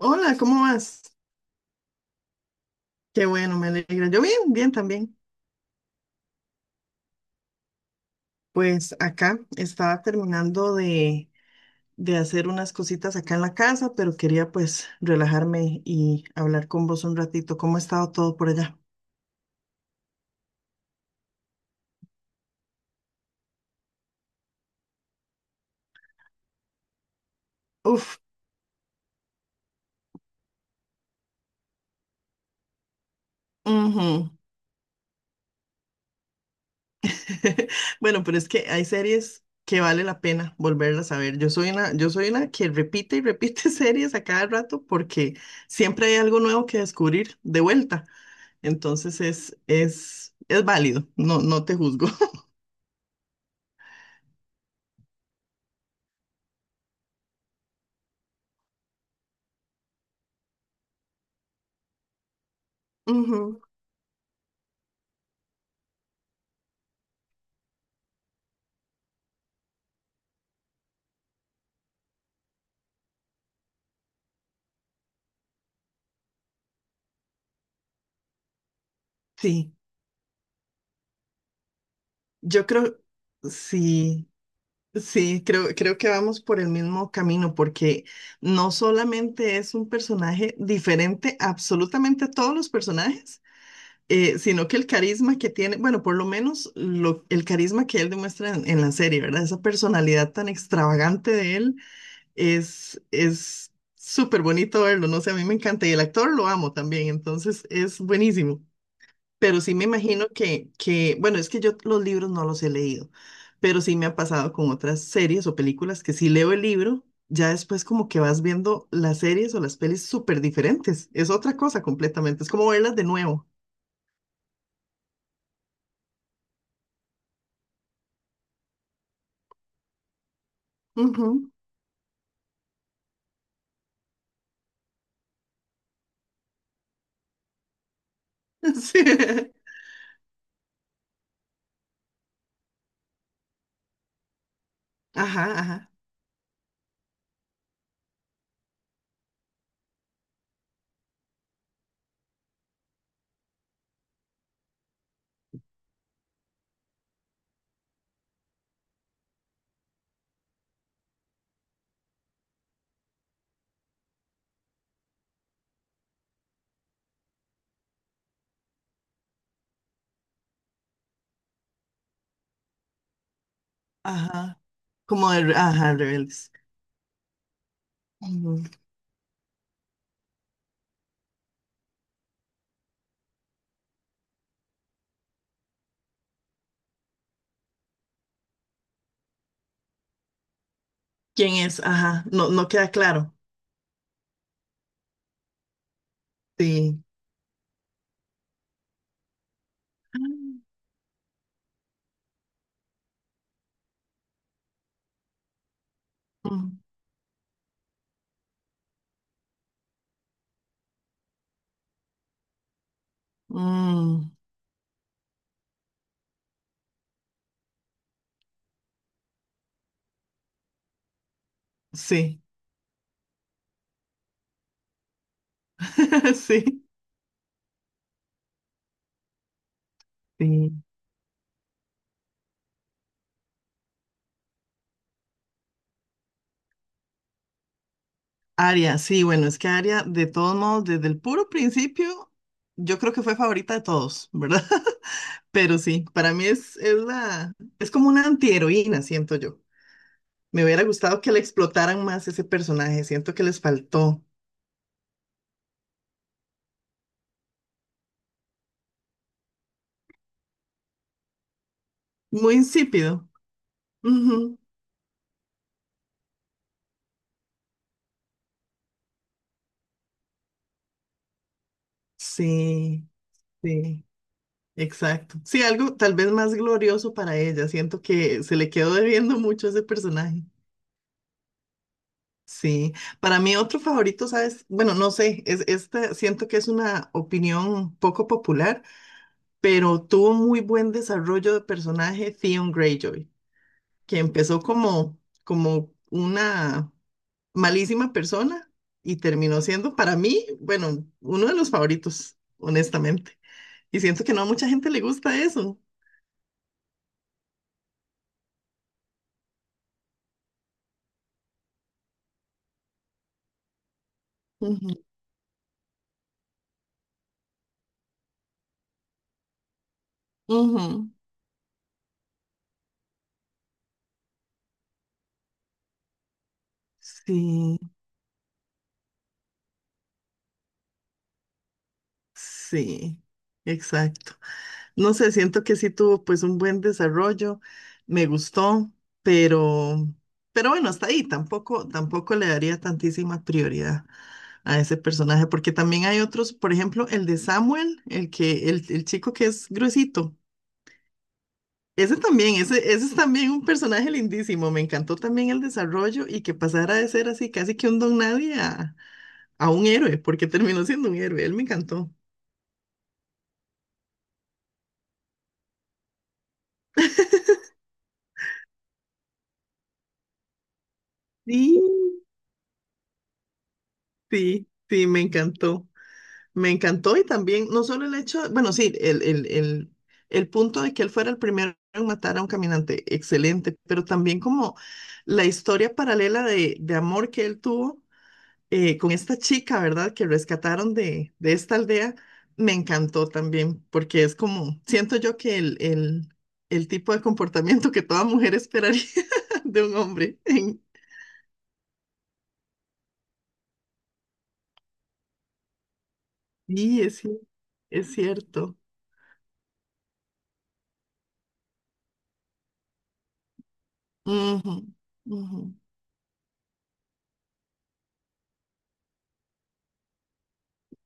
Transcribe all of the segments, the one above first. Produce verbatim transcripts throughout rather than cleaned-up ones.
Hola, ¿cómo vas? Qué bueno, me alegra. Yo bien, bien también. Pues acá estaba terminando de, de hacer unas cositas acá en la casa, pero quería pues relajarme y hablar con vos un ratito. ¿Cómo ha estado todo por allá? Uf, ujú. Bueno, pero es que hay series que vale la pena volverlas a ver. Yo soy una, yo soy una que repite y repite series a cada rato porque siempre hay algo nuevo que descubrir de vuelta. Entonces es, es, es válido, no, no te juzgo. Ujú. Sí, yo creo, sí, sí, creo, creo que vamos por el mismo camino, porque no solamente es un personaje diferente absolutamente a todos los personajes, eh, sino que el carisma que tiene, bueno, por lo menos lo- el carisma que él demuestra en, en la serie, ¿verdad? Esa personalidad tan extravagante de él es, es súper bonito verlo, no sé, a mí me encanta y el actor lo amo también, entonces es buenísimo. Pero sí me imagino que, que, bueno, es que yo los libros no los he leído, pero sí me ha pasado con otras series o películas que si leo el libro, ya después como que vas viendo las series o las pelis súper diferentes. Es otra cosa completamente, es como verlas de nuevo. Ujú. Sí. Ajá, ajá, ajá. Como de, re- ajá, rebeldes. Ujú. ¿Quién es? Ajá, no, no queda claro. Sí. Ah. Mm, mm, sí, sí, sí. Aria, sí, bueno, es que Aria, de todos modos, desde el puro principio, yo creo que fue favorita de todos, ¿verdad? Pero sí, para mí es, es la, es como una antiheroína, siento yo. Me hubiera gustado que le explotaran más ese personaje, siento que les faltó. Muy insípido. Ujú. Sí, sí, exacto. Sí, algo tal vez más glorioso para ella, siento que se le quedó debiendo mucho a ese personaje. Sí, para mí otro favorito, ¿sabes? Bueno, no sé, es este, siento que es una opinión poco popular, pero tuvo muy buen desarrollo de personaje Theon Greyjoy, que empezó como, como una malísima persona y terminó siendo para mí, bueno, uno de los favoritos, honestamente. Y siento que no a mucha gente le gusta eso. Ujú, ujú. Sí, sí, exacto. No sé, siento que sí tuvo pues un buen desarrollo, me gustó, pero, pero bueno, hasta ahí tampoco, tampoco le daría tantísima prioridad a ese personaje, porque también hay otros, por ejemplo, el de Samuel, el que, el, el chico que es gruesito. Ese también, ese, ese es también un personaje lindísimo. Me encantó también el desarrollo y que pasara de ser así casi que un don nadie a, a un héroe, porque terminó siendo un héroe. Él me encantó. Sí, sí, sí, me encantó. Me encantó y también, no solo el hecho, bueno, sí, el, el, el, el punto de que él fuera el primero en matar a un caminante, excelente, pero también como la historia paralela de, de amor que él tuvo eh, con esta chica, ¿verdad? Que rescataron de, de esta aldea, me encantó también, porque es como, siento yo que el, el, el tipo de comportamiento que toda mujer esperaría de un hombre. Sí, es, cier- es cierto. Ujú, ujú.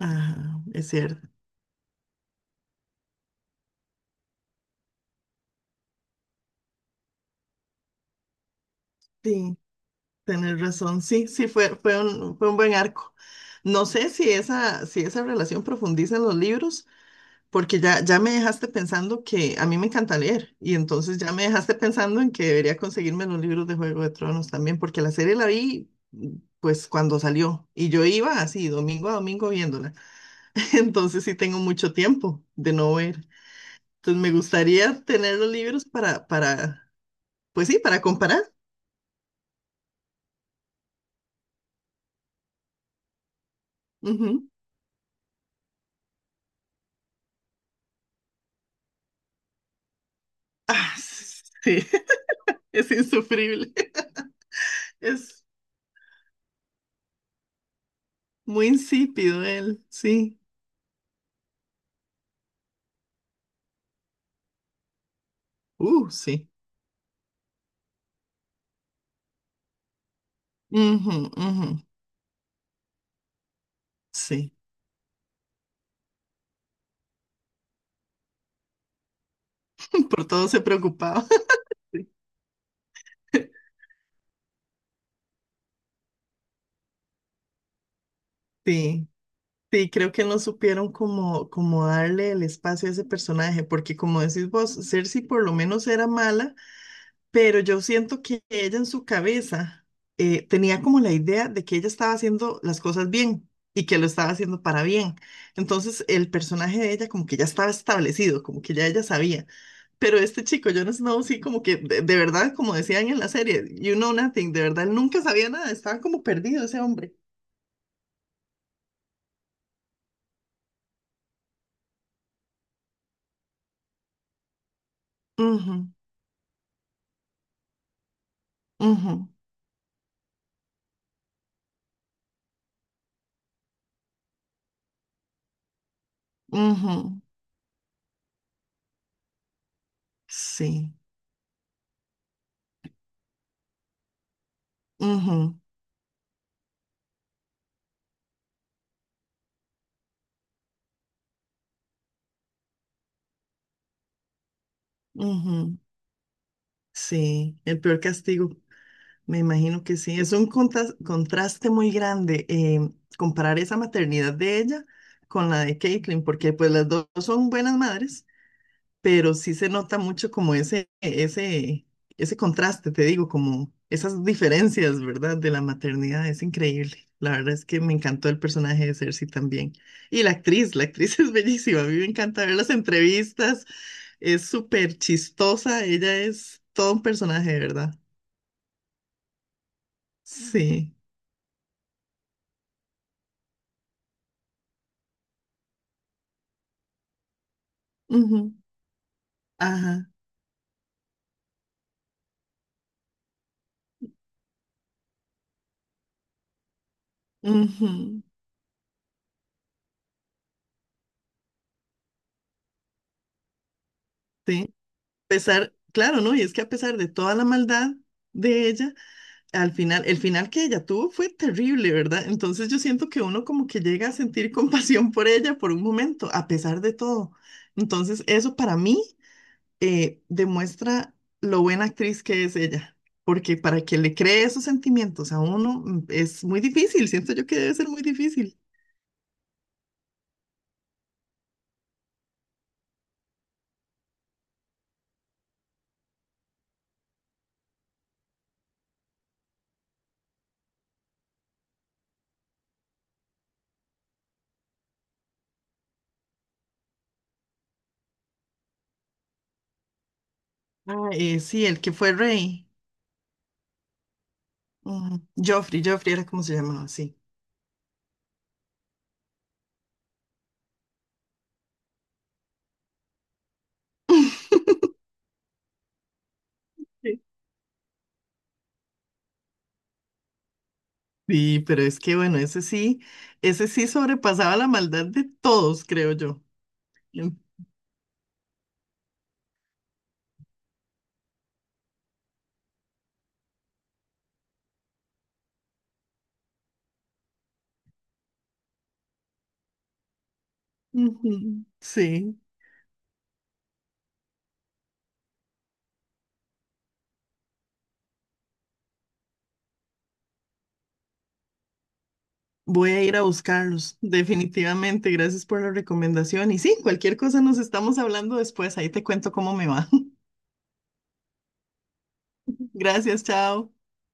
Ajá, es cierto. Sí, tenés razón. Sí, sí, fue, fue un, fue un buen arco. No sé si esa, si esa relación profundiza en los libros, porque ya, ya me dejaste pensando que a mí me encanta leer, y entonces ya me dejaste pensando en que debería conseguirme los libros de Juego de Tronos también, porque la serie la vi mm, pues cuando salió, y yo iba así, domingo a domingo viéndola. Entonces sí tengo mucho tiempo de no ver. Entonces me gustaría tener los libros para, para, pues sí, para comparar. Ujú. Ah, sí. Es insufrible. Es muy insípido él, sí. Uh, sí. Ujú, ujú. Sí. Por todo se preocupaba. Sí, sí, sí, creo que no supieron cómo, cómo darle el espacio a ese personaje, porque como decís vos, Cersei por lo menos era mala. Pero yo siento que ella en su cabeza eh, tenía como la idea de que ella estaba haciendo las cosas bien y que lo estaba haciendo para bien. Entonces el personaje de ella como que ya estaba establecido, como que ya ella sabía. Pero este chico, Jon Snow, sí como que de, de verdad, como decían en la serie, you know nothing, de verdad, él nunca sabía nada, estaba como perdido ese hombre. Ujú, ujú, ujú. Sí, ujú, ujú. Sí, el peor castigo. Me imagino que sí, es un contas- contraste muy grande eh, comparar esa maternidad de ella con la de Caitlyn, porque pues las dos son buenas madres, pero sí se nota mucho como ese, ese, ese contraste, te digo, como esas diferencias, ¿verdad? De la maternidad, es increíble. La verdad es que me encantó el personaje de Cersei también. Y la actriz, la actriz es bellísima, a mí me encanta ver las entrevistas, es súper chistosa, ella es todo un personaje, ¿verdad? Sí. Ujú. Ajá. Ujú. Sí. A pesar, claro, ¿no? Y es que a pesar de toda la maldad de ella, al final, el final que ella tuvo fue terrible, ¿verdad? Entonces yo siento que uno como que llega a sentir compasión por ella por un momento, a pesar de todo. Entonces, eso para mí eh, demuestra lo buena actriz que es ella, porque para que le cree esos sentimientos a uno mm, es muy difícil, siento yo que debe ser muy difícil. Ah. Eh, sí, el que fue rey, ujú, Joffrey, Joffrey era como se llamaba, sí. Sí. Sí, pero es que bueno, ese sí, ese sí sobrepasaba la maldad de todos, creo yo. Lu. Ujú. Sí, voy a ir a buscarlos, definitivamente. Gracias por la recomendación. Y sí, cualquier cosa nos estamos hablando después. Ahí te cuento cómo me va. Gracias, chao.